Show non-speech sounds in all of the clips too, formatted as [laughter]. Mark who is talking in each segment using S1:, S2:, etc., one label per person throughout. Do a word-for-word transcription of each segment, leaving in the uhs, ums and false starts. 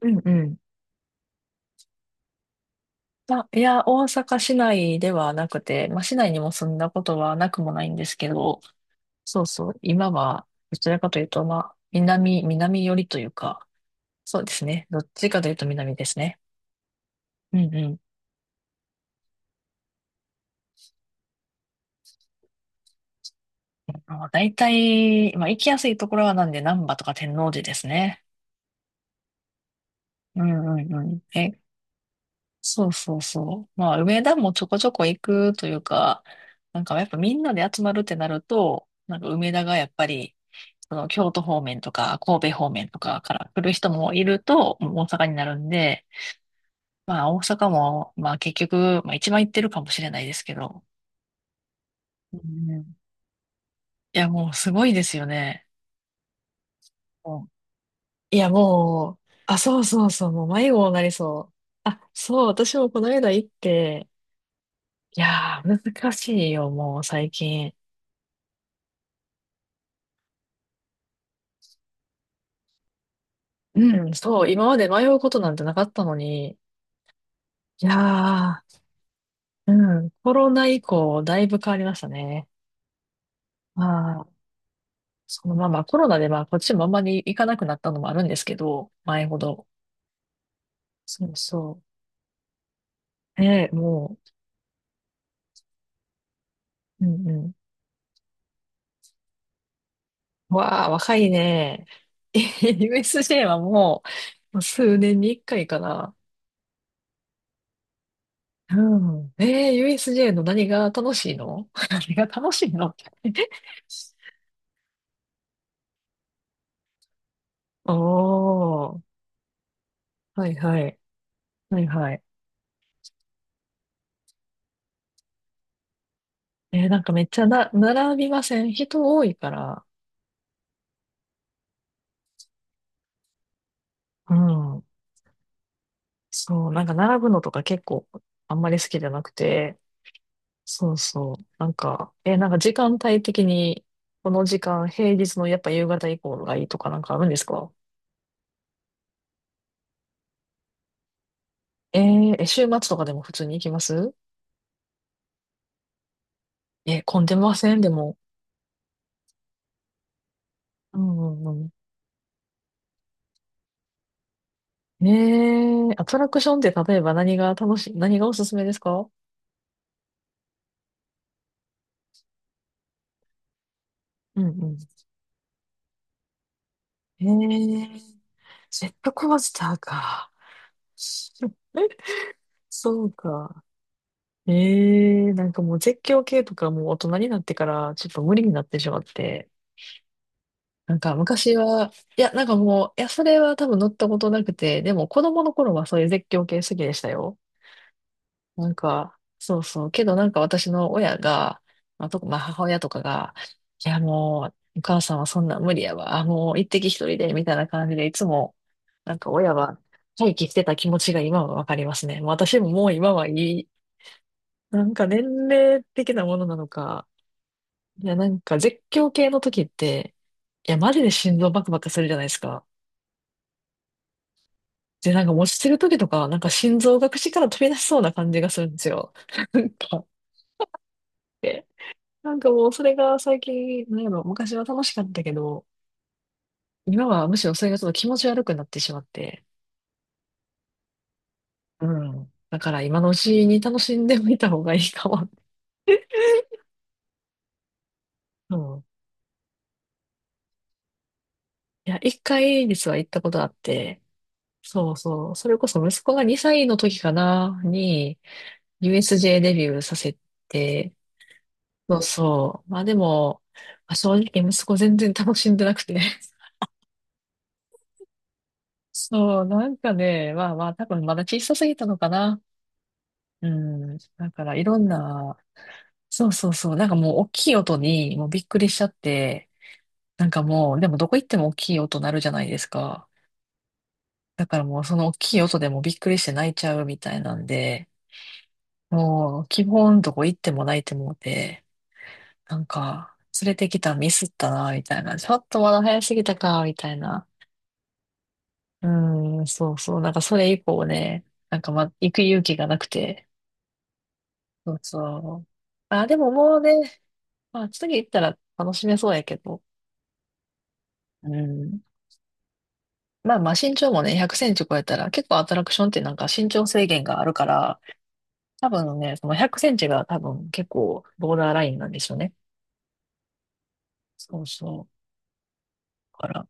S1: うんうん。あ、いや、大阪市内ではなくて、まあ、市内にも住んだことはなくもないんですけど、そうそう、今は、どちらかというと、まあ、南、南寄りというか、そうですね。どっちかというと南ですね。うんうん。まあ、大体、まあ、行きやすいところはなんで、難波とか天王寺ですね。うんうんうん。え、そうそうそう。まあ、梅田もちょこちょこ行くというか、なんかやっぱみんなで集まるってなると、なんか梅田がやっぱり、その京都方面とか神戸方面とかから来る人もいると、もう大阪になるんで、まあ大阪も、まあ結局、まあ一番行ってるかもしれないですけど、うん、いやもうすごいですよね。もういや、もう、あ、そうそうそう、もう迷子になりそう。あ、そう、私もこの間行って、いやー、難しいよ、もう最近。うん、そう、今まで迷うことなんてなかったのに、いやー、うん、コロナ以降、だいぶ変わりましたね。はい、そのまあまあコロナでまあこっちもあんまり行かなくなったのもあるんですけど、前ほど。そうそう。ねえ、もう、うんうん。わあ、若いね。[laughs] ユーエスジェー はもう、もう数年に一回かな。うん。えー、ユーエスジェー の何が楽しいの？ [laughs] 何が楽しいのって？ [laughs] おー。はいはい。はいはい。えー、なんかめっちゃな、並びません？人多いから。うん。そう、なんか並ぶのとか結構あんまり好きじゃなくて。そうそう。なんか、え、なんか時間帯的に、この時間、平日のやっぱ夕方以降がいいとかなんかあるんですか？えーえ、週末とかでも普通に行きます？え、混んでませんでも？うんうんうん。えー、アトラクションって例えば何が楽しい、何がおすすめですか？うんうん。えー、ジェットコースターか。[laughs] そうか。えー、なんかもう絶叫系とかもう大人になってからちょっと無理になってしまって。なんか昔は、いや、なんかもう、いや、それは多分乗ったことなくて、でも子供の頃はそういう絶叫系好きでしたよ。なんか、そうそう。けどなんか私の親が、まあ、と、まあ母親とかが、いやもう、お母さんはそんなん無理やわ。もう一滴一人で、みたいな感じで、いつも、なんか親は待機してた気持ちが今はわかりますね。もう私ももう今はいい。なんか年齢的なものなのか、いや、なんか絶叫系の時って、いや、マジで心臓バクバクするじゃないですか。で、なんか落ちてる時とか、なんか心臓が口から飛び出しそうな感じがするんですよ。[laughs] なんか、で、なんかもうそれが最近、なんやろ、昔は楽しかったけど、今はむしろそれがちょっと気持ち悪くなってしまって、うん。だから今のうちに楽しんでみた方がいいかも。[laughs] うん。いや、一回実は行ったことあって、そうそう、それこそ息子がにさいの時かな、に ユーエスジェー デビューさせて、そうそう、まあでも、まあ正直息子全然楽しんでなくて、そう、なんかね、まあまあ、多分まだ小さすぎたのかな。うん。だからいろんな、そうそうそう、なんかもう大きい音にもうびっくりしちゃって、なんかもう、でもどこ行っても大きい音鳴るじゃないですか。だからもうその大きい音でもびっくりして泣いちゃうみたいなんで、もう基本どこ行っても泣いてもうて、なんか連れてきたミスったな、みたいな。ちょっとまだ早すぎたか、みたいな。うん、そうそう、なんかそれ以降ね、なんかま、行く勇気がなくて、そうそう。あ、でももうね、まあ、次行ったら楽しめそうやけど。うん。まあまあ身長もね、ひゃくセンチ超えたら、結構アトラクションってなんか身長制限があるから、多分ね、そのひゃくセンチが多分結構ボーダーラインなんでしょうね。そうそう。だから、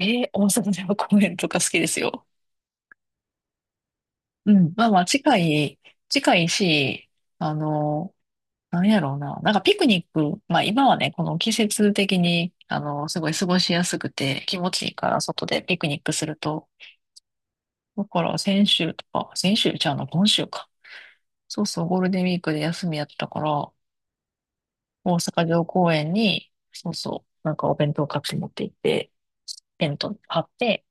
S1: えー、大阪では公園とか好きですよ。うん。まあまあ近い、近いし、あの、なんやろうな。なんかピクニック、まあ今はね、この季節的に、あの、すごい過ごしやすくて気持ちいいから外でピクニックすると。だから先週とか、先週ちゃうの、今週か。そうそう、ゴールデンウィークで休みやったから、大阪城公園に、そうそう、なんかお弁当買って持って行って、テント張って、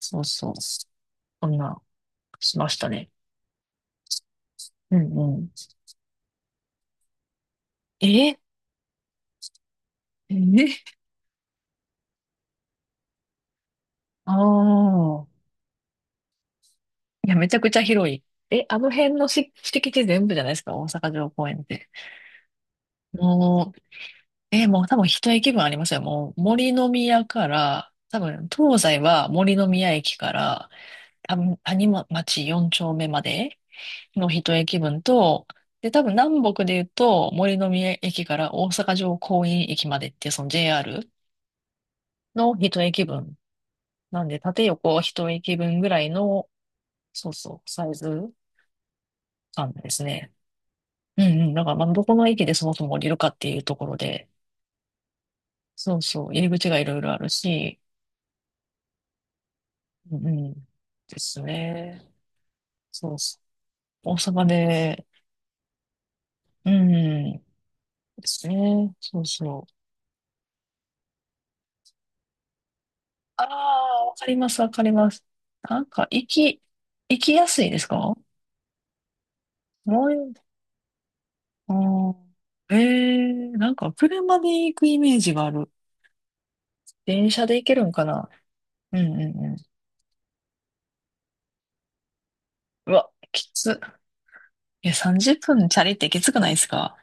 S1: そうそう、そんな、しましたね。うんうん。ええ、ああー、いや、めちゃくちゃ広い。え、あの辺のし敷地全部じゃないですか、大阪城公園って。もう、え、もう多分一駅分ありますよ。もう森の宮から、多分東西は森の宮駅から、多分谷ま町よん丁目までの一駅分と、で、多分南北で言うと森の宮駅から大阪城公園駅までっていうその ジェーアール の一駅分。なんで、縦横一駅分ぐらいの、そうそう、サイズ感ですね。うんうん。だから、まあ、どこの駅でそもそも降りるかっていうところで、そうそう、入り口がいろいろあるし、うんうん、ですね。そうそう。大阪で、うん、ですね。そうそう。ああ、わかります、わかります。なんか、行き、行きやすいですか？もう、あーえー、なんか、車で行くイメージがある。電車で行けるんかな？うんうんうん。うわ、きつ。いや、さんじゅっぷんチャリってきつくないですか？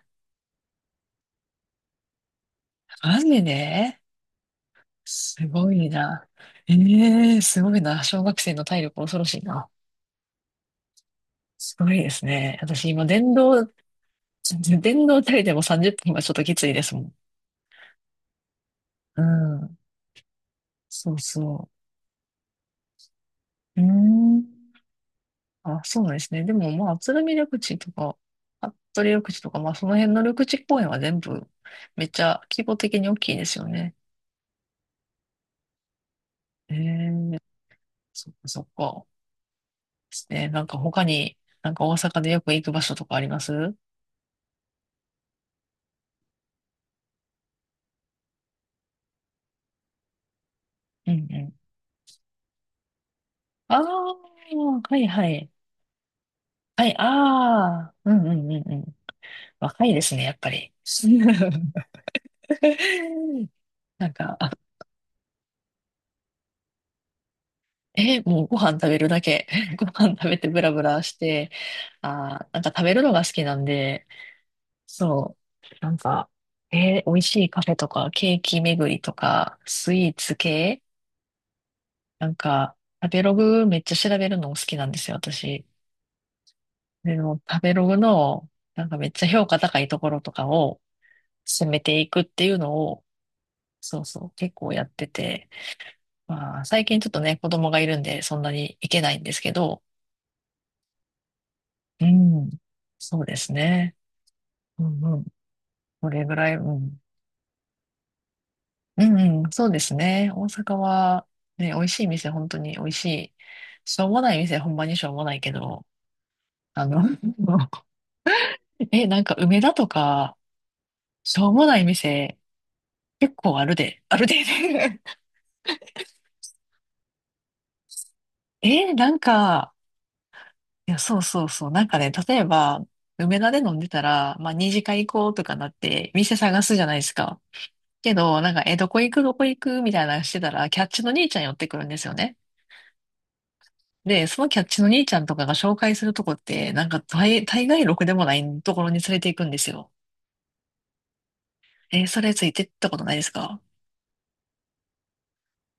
S1: マジですごいな。ええー、すごいな。小学生の体力恐ろしいな。すごいですね。私今電動、電動体でもさんじゅっぷんはちょっときついですもん。うん。そうそう。うーん。あ、そうなんですね。でもまあ、鶴見緑地とか、服部緑地とか、まあその辺の緑地公園は全部めっちゃ規模的に大きいですよね。ええー、そっかそっか。ですね。なんか他に、なんか大阪でよく行く場所とかあります？うんうん。ああ、はいはい。はい、ああ、うんうんうんうん。若いですね、やっぱり。[laughs] なんか、あ、え、もうご飯食べるだけ。[laughs] ご飯食べてブラブラして、あー、なんか食べるのが好きなんで、そう、なんか、えー美味しいカフェとか、ケーキ巡りとか、スイーツ系、なんか、食べログめっちゃ調べるの好きなんですよ、私。でも、食べログの、なんかめっちゃ評価高いところとかを、進めていくっていうのを、そうそう、結構やってて、まあ、最近ちょっとね、子供がいるんで、そんなにいけないんですけど、うん、そうですね。うんうん。これぐらい、うん。うんうん、そうですね。大阪は、ね、美味しい店、本当に美味しい。しょうもない店、ほんまにしょうもないけど、あの、[laughs] え、なんか梅田とか、しょうもない店、結構あるで、あるで。[laughs] え、なんか、いや、そうそうそう。なんかね、例えば、梅田で飲んでたら、まあ、二次会行こうとかなって、店探すじゃないですか。けど、なんか、え、どこ行く、どこ行く、みたいなのしてたら、キャッチの兄ちゃん寄ってくるんですよね。で、そのキャッチの兄ちゃんとかが紹介するとこって、なんか大、大概ろくでもないところに連れて行くんですよ。え、それついてったことないですか？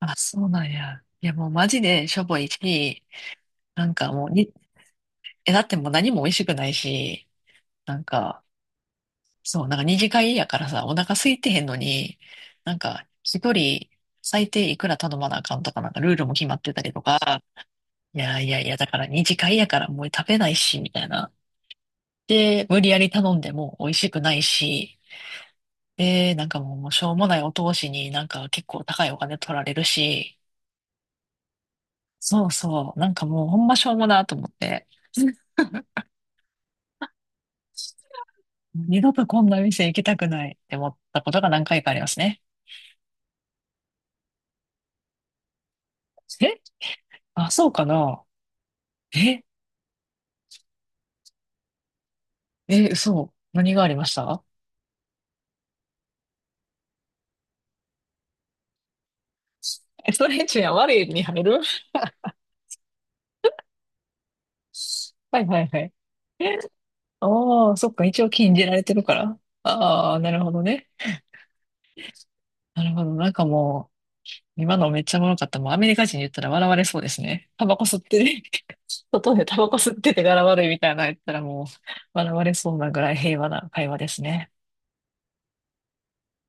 S1: あ、そうなんや。いや、もうマジでしょぼいし、なんかもうに、え、だってもう何も美味しくないし、なんか、そう、なんか二次会やからさ、お腹空いてへんのに、なんか一人最低いくら頼まなあかんとか、なんかルールも決まってたりとか、いやいやいや、だから二次会やからもう食べないし、みたいな。で、無理やり頼んでも美味しくないし、で、なんかもうしょうもないお通しになんか結構高いお金取られるし、そうそう、なんかもうほんましょうもなと思って、[laughs] にどとこんな店行きたくないって思ったことがなんかいかありますね。え、あ、そうかな。ええ、そう何がありました？え、[laughs] それじゃ悪いに入る？ [laughs] はいはいはい。ああ、そっか、一応禁じられてるから。ああ、なるほどね。なるほど。なんかもう、今のめっちゃおもろかった。もうアメリカ人言ったら笑われそうですね。タバコ吸ってね、[laughs] 外でタバコ吸ってて柄悪いみたいなの言ったらもう、笑われそうなぐらい平和な会話ですね。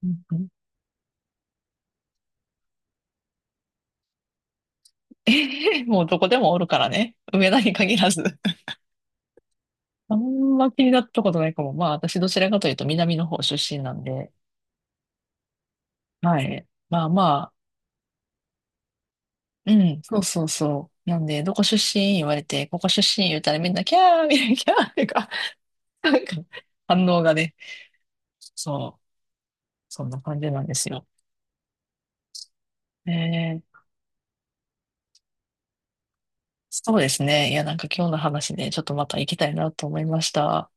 S1: うんうん。 [laughs] もうどこでもおるからね。上田に限らず。あんま気になったことないかも。まあ私どちらかというと南の方出身なんで、はい。まあまあ、うん、そうそうそう。なんで、どこ出身言われて、ここ出身言うたらみんな、キャーみたいな、キャーってか、なんか、反応がね、そう、そんな感じなんですよ。えー、そうですね。いや、なんか今日の話で、ちょっとまた行きたいなと思いました。